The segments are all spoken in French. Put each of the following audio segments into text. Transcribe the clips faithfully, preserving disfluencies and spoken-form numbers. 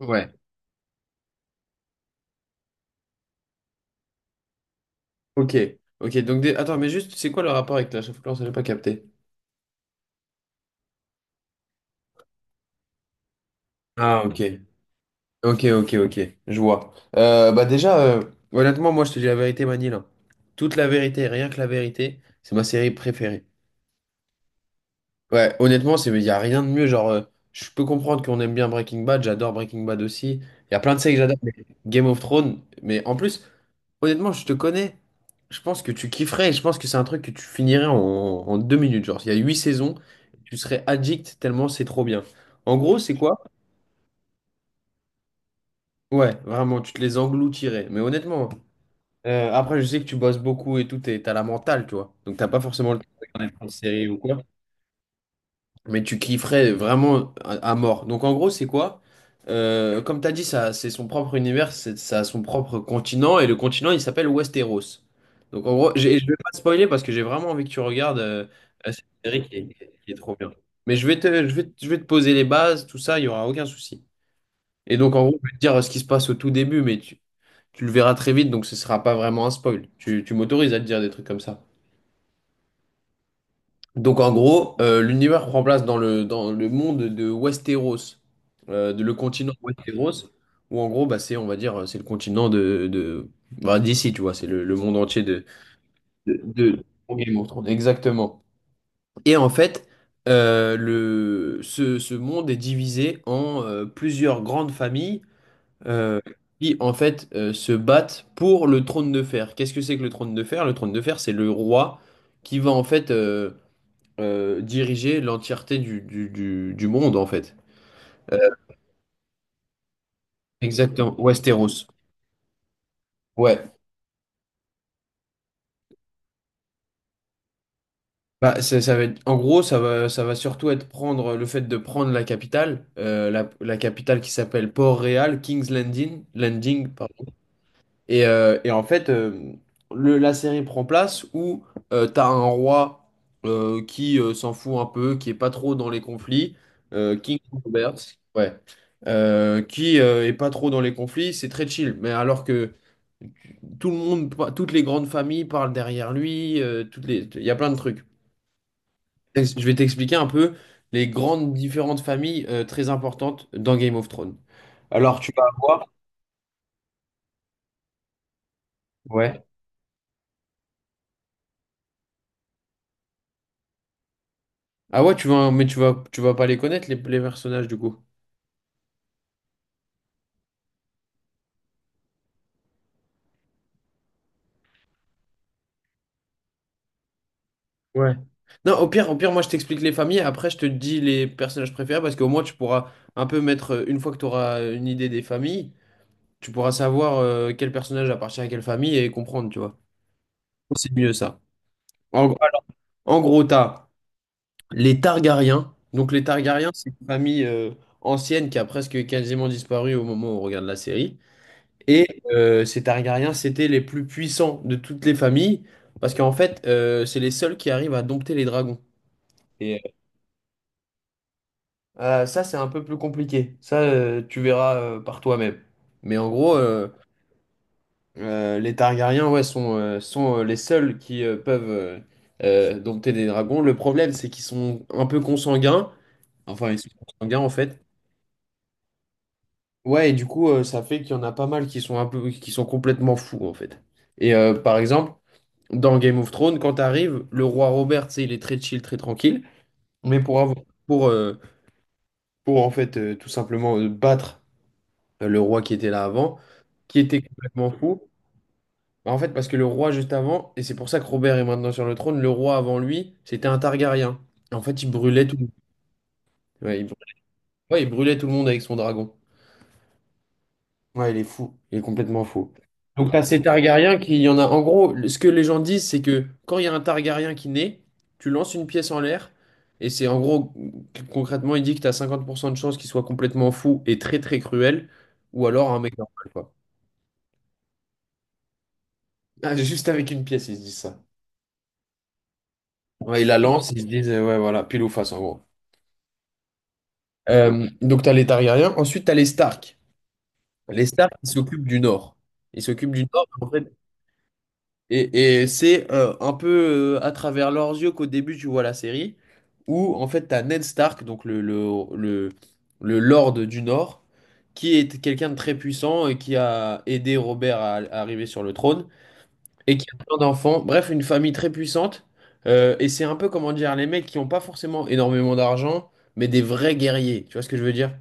Ouais. Ok. Ok. Donc, des- attends, mais juste, c'est quoi le rapport avec la of Clans? Je n'ai pas capté. Ah, ok. Ok, ok, ok. Je vois. Euh, bah, déjà, euh, honnêtement, moi, je te dis la vérité, Manil, hein. Toute la vérité, rien que la vérité, c'est ma série préférée. Ouais, honnêtement, c'est, il n'y a rien de mieux. Genre, euh, je peux comprendre qu'on aime bien Breaking Bad. J'adore Breaking Bad aussi. Il y a plein de séries que j'adore, mais Game of Thrones. Mais en plus. Honnêtement, je te connais. Je pense que tu kifferais et je pense que c'est un truc que tu finirais en, en deux minutes. Genre, il y a huit saisons, tu serais addict tellement c'est trop bien. En gros, c'est quoi? Ouais, vraiment, tu te les engloutirais. Mais honnêtement, euh, après, je sais que tu bosses beaucoup et tout, et t'as la mentale, tu vois. Donc, t'as pas forcément le temps de regarder plein de séries ou quoi. Mais tu kifferais vraiment à, à mort. Donc en gros, c'est quoi? Euh, comme tu as dit, ça, c'est son propre univers, c'est, ça a son propre continent, et le continent, il s'appelle Westeros. Donc en gros, j'ai- je vais pas te spoiler parce que j'ai vraiment envie que tu regardes euh, cette série qui est, qui est, trop bien. Mais je vais te, je vais, te- je vais te poser les bases, tout ça, il y aura aucun souci. Et donc en gros, je vais te dire euh, ce qui se passe au tout début, mais tu, tu le verras très vite, donc ce sera pas vraiment un spoil. Tu, tu m'autorises à te dire des trucs comme ça. Donc en gros, euh, l'univers prend place dans le, dans le, monde de Westeros, euh, de le continent Westeros, où en gros, bah, c'est, on va dire, c'est le continent de, de bah, d'ici, tu vois, c'est le, le monde entier de, de, de- de Game of Thrones. Exactement. Et en fait, euh, le, ce, ce monde est divisé en euh, plusieurs grandes familles euh, qui, en fait, euh, se battent pour le trône de fer. Qu'est-ce que c'est que le trône de fer? Le trône de fer, c'est le roi qui va, en fait... euh, euh, diriger l'entièreté du, du, du- du monde, en fait. Euh, Exactement, Westeros. Ouais. Bah, ça, ça va être, en gros, ça va, ça va surtout être prendre le fait de prendre la capitale, euh, la, la capitale qui s'appelle Port-Réal, King's Landing, Landing, pardon. Et, euh, et en fait, euh, le- la série prend place où euh, t'as un roi euh, qui euh, s'en fout un peu, qui est pas trop dans les conflits, euh, King Robert, ouais, euh, qui euh, est pas trop dans les conflits, c'est très chill. Mais alors que tout le monde, pa- toutes les grandes familles parlent derrière lui, euh, toutes les, il y a plein de trucs. Ex- Je vais t'expliquer un peu les grandes différentes familles euh, très importantes dans Game of Thrones. Alors tu vas avoir... Ouais. Ah ouais, tu vas, mais tu vas, tu vas pas les connaître, les, les personnages, du coup. Ouais. Non, au pire, au pire, moi je t'explique les familles, après je te dis les personnages préférés, parce qu'au moins tu pourras un peu mettre, euh, une fois que tu auras une idée des familles, tu pourras savoir euh, quel personnage appartient à quelle famille et comprendre, tu vois. C'est mieux ça. En, gros, en gros, t'as les Targaryens. Donc les Targaryens, c'est une famille euh, ancienne qui a presque quasiment disparu au moment où on regarde la série. Et euh, ces Targaryens, c'était les plus puissants de toutes les familles, parce qu'en fait, euh, c'est les seuls qui arrivent à dompter les dragons. Et euh, ah, ça, c'est un peu plus compliqué. Ça, euh, tu verras euh, par toi-même. Mais en gros, euh, euh, les Targaryens, ouais, sont, euh, sont euh, les seuls qui euh, peuvent euh, euh, dompter des dragons. Le problème, c'est qu'ils sont un peu consanguins. Enfin, ils sont consanguins, en fait. Ouais, et du coup, euh, ça fait qu'il y en a pas mal qui sont un peu, qui sont complètement fous, en fait. Et euh, par exemple, dans Game of Thrones, quand t'arrives, le roi Robert, tu sais, il est très chill, très tranquille. Mais pour avoir, pour, euh, pour en fait, euh, tout simplement euh, battre euh, le roi qui était là avant, qui était complètement fou. Bah, en fait, parce que le roi juste avant, et c'est pour ça que Robert est maintenant sur le trône, le roi avant lui, c'était un Targaryen. En fait, il brûlait tout le monde. Ouais, il brûlait, ouais, il brûlait tout le monde avec son dragon. Ouais, il est fou. Il est complètement fou. Donc, t'as ces Targaryens qui, il y en a. En gros, ce que les gens disent, c'est que quand il y a un Targaryen qui naît, tu lances une pièce en l'air, et c'est en gros, concrètement, il dit que t'as cinquante pour cent de chances qu'il soit complètement fou et très très cruel, ou alors un mec normal, quoi. Ah, juste avec une pièce, ils se disent ça. Ouais, ils la lancent, ils se disent, euh, ouais, voilà, pile ou face, en gros. Euh, donc, t'as les Targaryens. Ensuite, t'as les Stark. Les Stark, ils s'occupent du Nord. Ils s'occupent du Nord. En fait, Et, et c'est euh, un peu euh, à travers leurs yeux qu'au début tu vois la série, où en fait t'as Ned Stark, donc le, le, le, le Lord du Nord, qui est quelqu'un de très puissant et qui a aidé Robert à, à arriver sur le trône, et qui a plein d'enfants, bref, une famille très puissante. Euh, et c'est un peu, comment dire, les mecs qui n'ont pas forcément énormément d'argent, mais des vrais guerriers, tu vois ce que je veux dire?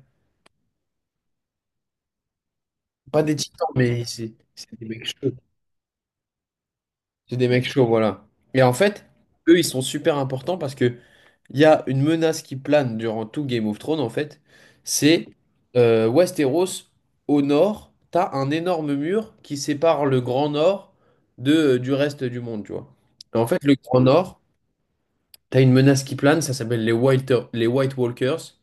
Pas des titans, mais c'est c'est des mecs chauds. C'est des mecs chauds, voilà. Et en fait, eux, ils sont super importants parce que il y a une menace qui plane durant tout Game of Thrones, en fait. C'est euh, Westeros, au nord, t'as un énorme mur qui sépare le Grand Nord de, euh, du reste du monde, tu vois. Et en fait, le Grand Nord, t'as une menace qui plane, ça s'appelle les White, les White Walkers.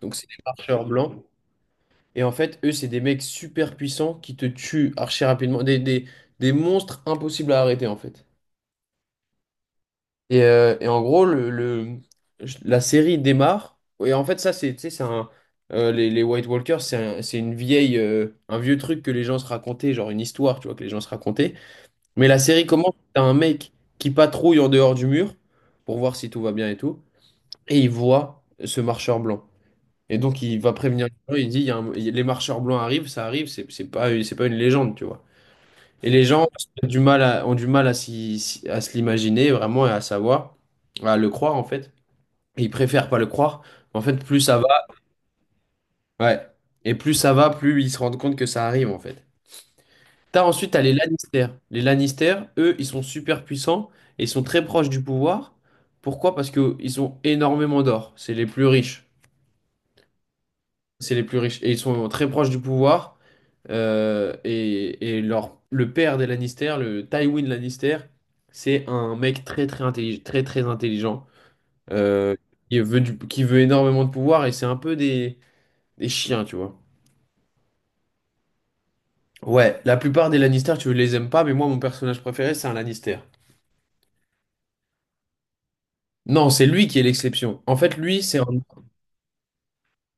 Donc, c'est des marcheurs blancs. Et en fait, eux, c'est des mecs super puissants qui te tuent archi rapidement. Des, des, des monstres impossibles à arrêter, en fait. Et, euh, et en gros, le, le- la série démarre. Et en fait, ça, c'est, tu sais, c'est un, euh, les, les White Walkers, c'est un- c'est une vieille, euh, un vieux truc que les gens se racontaient, genre une histoire, tu vois, que les gens se racontaient. Mais la série commence, t'as un mec qui patrouille en dehors du mur pour voir si tout va bien et tout. Et il voit ce marcheur blanc. Et donc, il va prévenir les gens, il dit, il y a un- il y a- les marcheurs blancs arrivent, ça arrive, c'est c'est pas, c'est pas une légende, tu vois. Et les gens ont du mal à, ont du mal à, s'y- s'y- à se l'imaginer vraiment et à savoir, à le croire en fait. Et ils préfèrent pas le croire. En fait, plus ça va, ouais. Et plus ça va, plus ils se rendent compte que ça arrive en fait. T'as ensuite, t'as les Lannister. Les Lannister, eux, ils sont super puissants et ils sont très proches du pouvoir. Pourquoi? Parce qu'ils ont énormément d'or. C'est les plus riches. C'est les plus riches. Et ils sont très proches du pouvoir. Euh, et et leur, le père des Lannister, le Tywin Lannister, c'est un mec très très intelligent, très très intelligent, euh, qui veut du- qui veut énormément de pouvoir et c'est un peu des, des chiens, tu vois. Ouais, la plupart des Lannister, tu les aimes pas, mais moi mon personnage préféré c'est un Lannister. Non, c'est lui qui est l'exception. En fait, lui c'est un,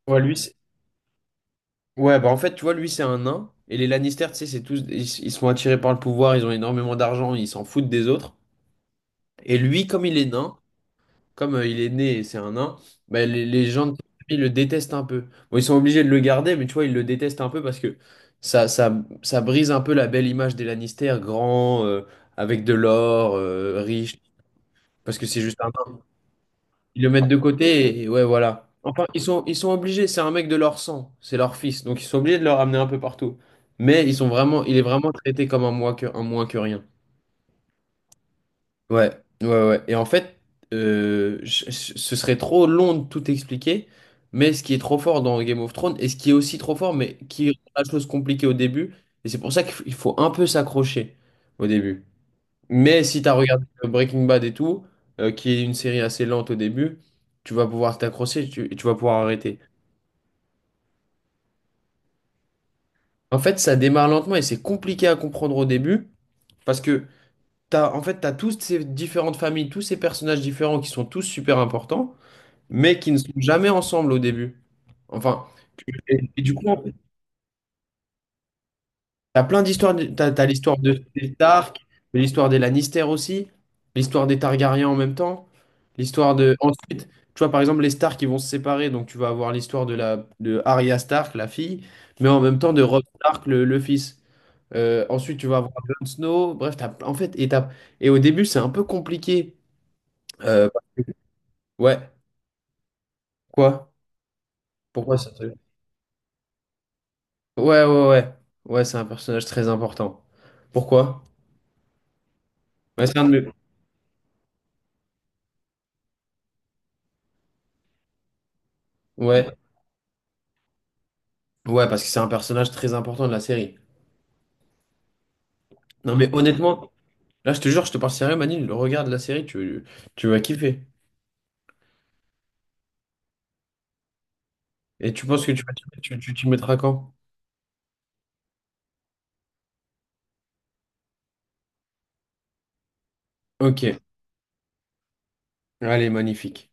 ouais, lui, c'est- ouais, bah en fait tu vois lui c'est un nain et les Lannister, tu sais, c'est tous, ils ils sont attirés par le pouvoir, ils ont énormément d'argent, ils s'en foutent des autres. Et lui, comme il est nain, comme euh, il est né et c'est un nain, bah, les, les gens de sa famille le détestent un peu. Bon, ils sont obligés de le garder, mais tu vois, ils le détestent un peu parce que ça, ça, ça brise un peu la belle image des Lannister, grand, euh, avec de l'or, euh, riche, parce que c'est juste un nain. Ils le mettent de côté et, et ouais, voilà. Enfin, ils sont, ils sont obligés, c'est un mec de leur sang, c'est leur fils, donc ils sont obligés de le ramener un peu partout. Mais ils sont vraiment, il est vraiment traité comme un moins que, un moins que rien. Ouais, ouais, ouais. Et en fait, euh, je- je- ce serait trop long de tout expliquer, mais ce qui est trop fort dans Game of Thrones, et ce qui est aussi trop fort, mais qui rend la chose compliquée au début, et c'est pour ça qu'il f- il faut un peu s'accrocher au début. Mais si tu as regardé euh, Breaking Bad et tout, euh, qui est une série assez lente au début, tu vas pouvoir t'accrocher tu- et tu vas pouvoir arrêter. En fait, ça démarre lentement et c'est compliqué à comprendre au début, parce que t'as, en fait, t'as toutes ces différentes familles, tous ces personnages différents qui sont tous super importants, mais qui ne sont jamais ensemble au début. Enfin, et, et du coup, t'as plein d'histoires. de- T'as, t'as l'histoire de, des Stark, mais l'histoire des Lannister aussi, l'histoire des Targaryens en même temps, l'histoire de. Ensuite, tu vois, par exemple, les Stark qui vont se séparer, donc tu vas avoir l'histoire de la de Arya Stark, la fille, mais en même temps de Robb Stark, le, le fils. Euh, ensuite, tu vas avoir Jon Snow. Bref, t'as, en fait, et, t'as- et au début, c'est un peu compliqué. Euh, ouais, quoi? Pourquoi ça? Ouais, ouais, ouais. Ouais, c'est un personnage très important. Pourquoi? Ouais, c'est un de mes- Ouais. Ouais, parce que c'est un personnage très important de la série. Non, mais honnêtement, là, je te jure, je te parle sérieux, Manil. Regarde la série, tu, tu vas kiffer. Et tu penses que tu vas kiffer, tu, tu t'y mettras quand? Ok. Allez, magnifique.